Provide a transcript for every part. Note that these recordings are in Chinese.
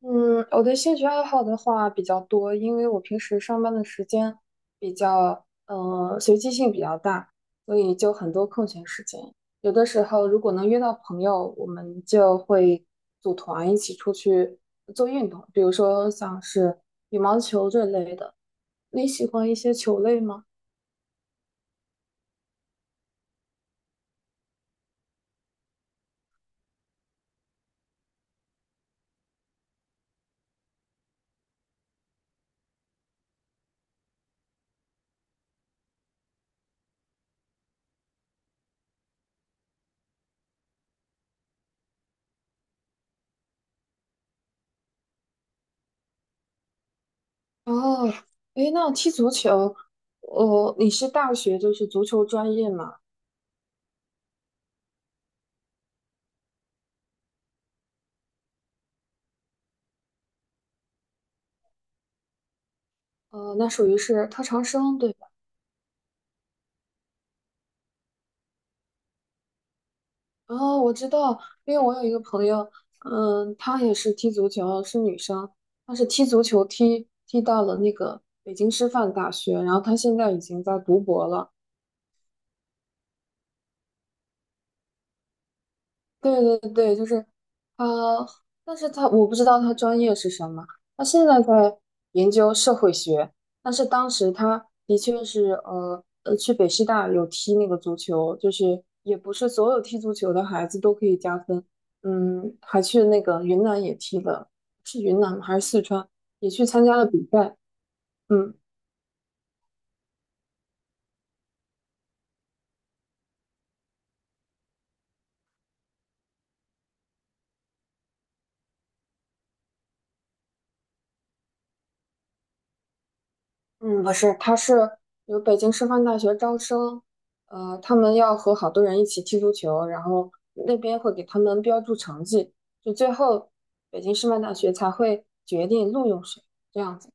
嗯，我的兴趣爱好的话比较多，因为我平时上班的时间比较，随机性比较大，所以就很多空闲时间。有的时候如果能约到朋友，我们就会组团一起出去做运动，比如说像是羽毛球这类的。你喜欢一些球类吗？哦，诶，那踢足球，你是大学就是足球专业嘛？那属于是特长生，对。哦，我知道，因为我有一个朋友，嗯，她也是踢足球，是女生，她是踢足球踢到了那个北京师范大学，然后她现在已经在读博了。对对对，就是他，但是他我不知道他专业是什么，他现在在研究社会学，但是当时他的确是去北师大有踢那个足球，就是也不是所有踢足球的孩子都可以加分，嗯，还去那个云南也踢了，是云南吗还是四川也去参加了比赛，嗯。嗯，不是，他是有北京师范大学招生，他们要和好多人一起踢足球，然后那边会给他们标注成绩，就最后北京师范大学才会决定录用谁，这样子。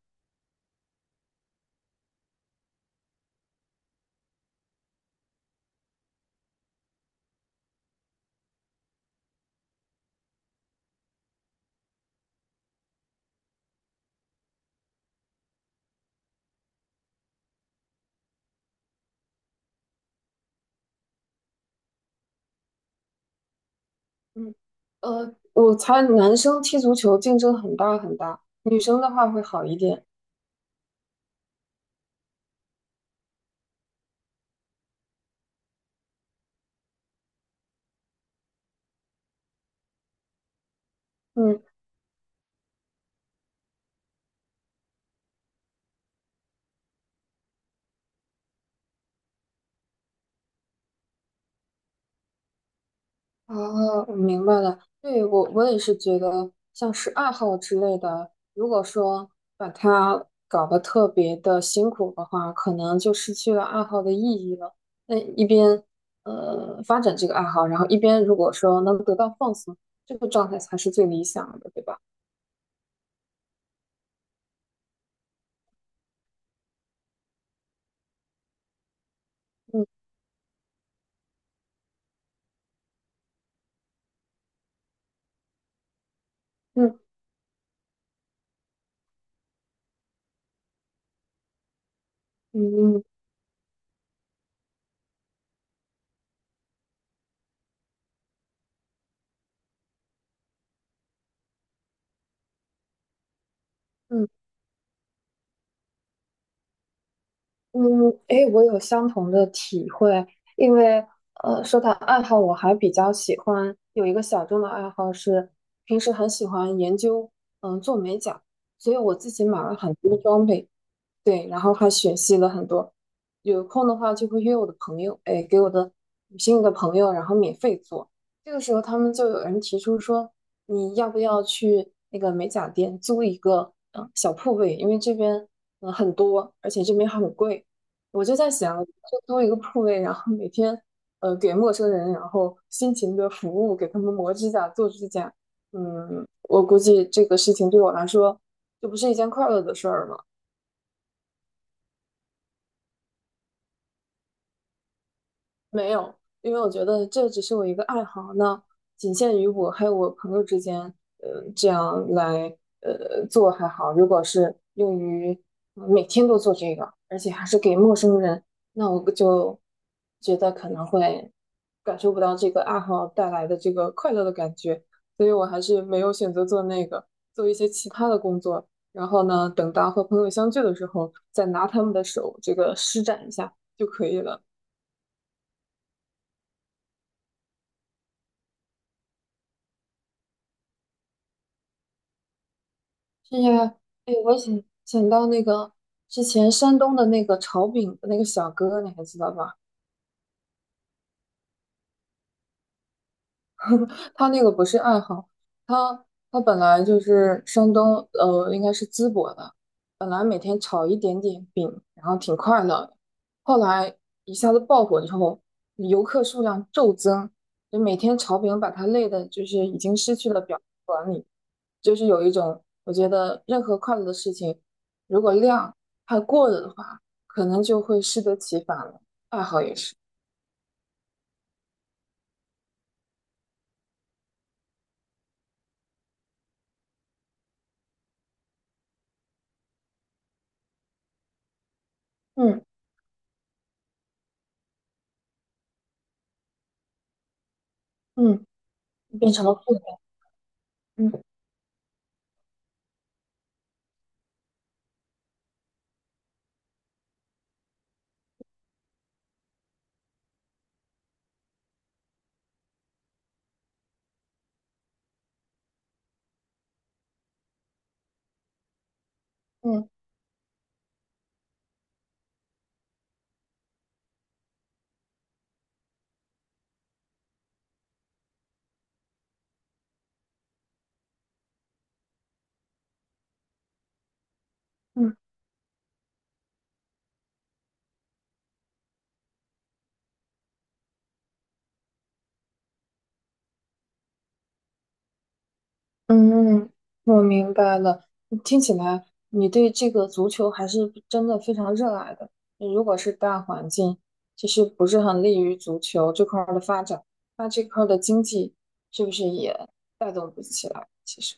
嗯，我猜男生踢足球竞争很大很大，女生的话会好一点。嗯。哦，我明白了。对，我也是觉得，像是爱好之类的，如果说把它搞得特别的辛苦的话，可能就失去了爱好的意义了。那一边发展这个爱好，然后一边如果说能得到放松，这个状态才是最理想的，对吧？嗯嗯。嗯嗯。嗯嗯，诶，我有相同的体会，因为说到爱好，我还比较喜欢有一个小众的爱好是，平时很喜欢研究，做美甲，所以我自己买了很多装备，对，然后还学习了很多。有空的话就会约我的朋友，哎，给我的女性的朋友，然后免费做。这个时候他们就有人提出说，你要不要去那个美甲店租一个小铺位？因为这边很多，而且这边还很贵。我就在想，就租一个铺位，然后每天给陌生人，然后辛勤的服务，给他们磨指甲、做指甲。嗯，我估计这个事情对我来说，这不是一件快乐的事儿吗？没有，因为我觉得这只是我一个爱好，那仅限于我还有我朋友之间，这样来做还好。如果是用于每天都做这个，而且还是给陌生人，那我就觉得可能会感受不到这个爱好带来的这个快乐的感觉，所以我还是没有选择做那个，做一些其他的工作。然后呢，等到和朋友相聚的时候，再拿他们的手这个施展一下就可以了。这个，哎，我想想到那个之前山东的那个炒饼的那个小哥，你还记得吧？他那个不是爱好，他他本来就是山东，应该是淄博的，本来每天炒一点点饼，然后挺快乐的，后来一下子爆火之后，游客数量骤增，就每天炒饼把他累的，就是已经失去了表达管理，就是有一种我觉得任何快乐的事情，如果量太过了的话，可能就会适得其反了，爱好也是。嗯。嗯，变成了负担。嗯。嗯。嗯，嗯，我明白了。听起来你对这个足球还是真的非常热爱的。如果是大环境其实不是很利于足球这块儿的发展，那这块儿的经济是不是也带动不起来？其实，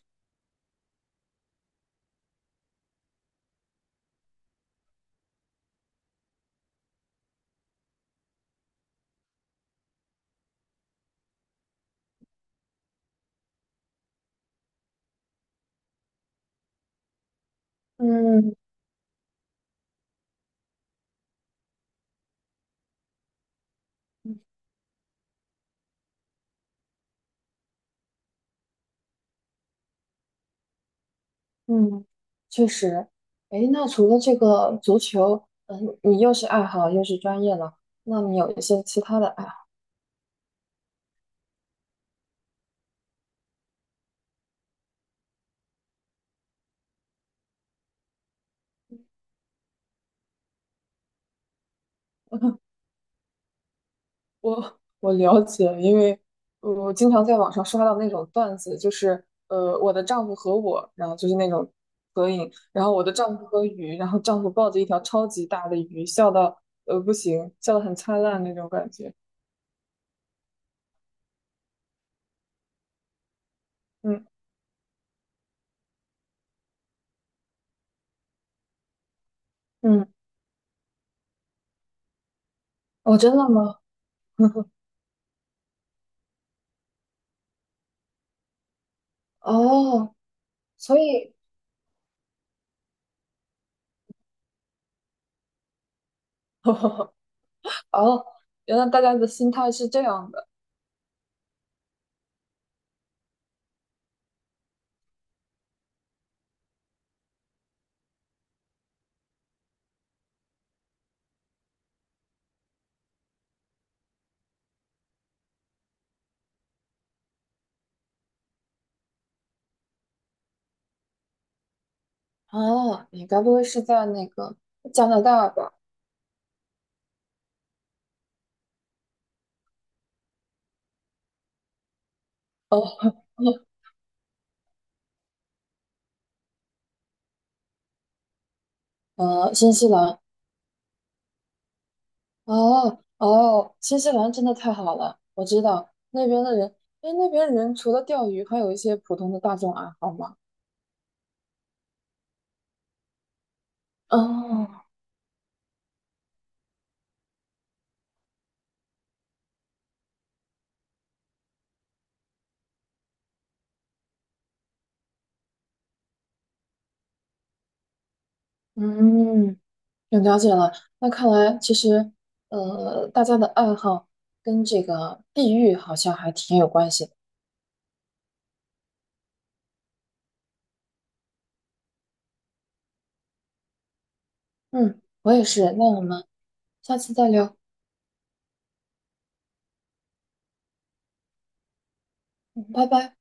嗯。嗯，确实。哎，那除了这个足球，嗯，你又是爱好又是专业了，那你有一些其他的爱好？我我了解，因为我经常在网上刷到那种段子，就是我的丈夫和我，然后就是那种合影，然后我的丈夫和鱼，然后丈夫抱着一条超级大的鱼，笑到不行，笑得很灿烂那种感觉。嗯。嗯，哦，真的吗？哦，所以 哦，原来大家的心态是这样的。啊，你该不会是在那个加拿大吧？哦，新西兰。哦哦，新西兰真的太好了，我知道那边的人，哎，那边人除了钓鱼，还有一些普通的大众爱好嘛。哦，嗯，有了解了。那看来其实，大家的爱好跟这个地域好像还挺有关系的。嗯，我也是。那我们下次再聊，嗯，拜拜。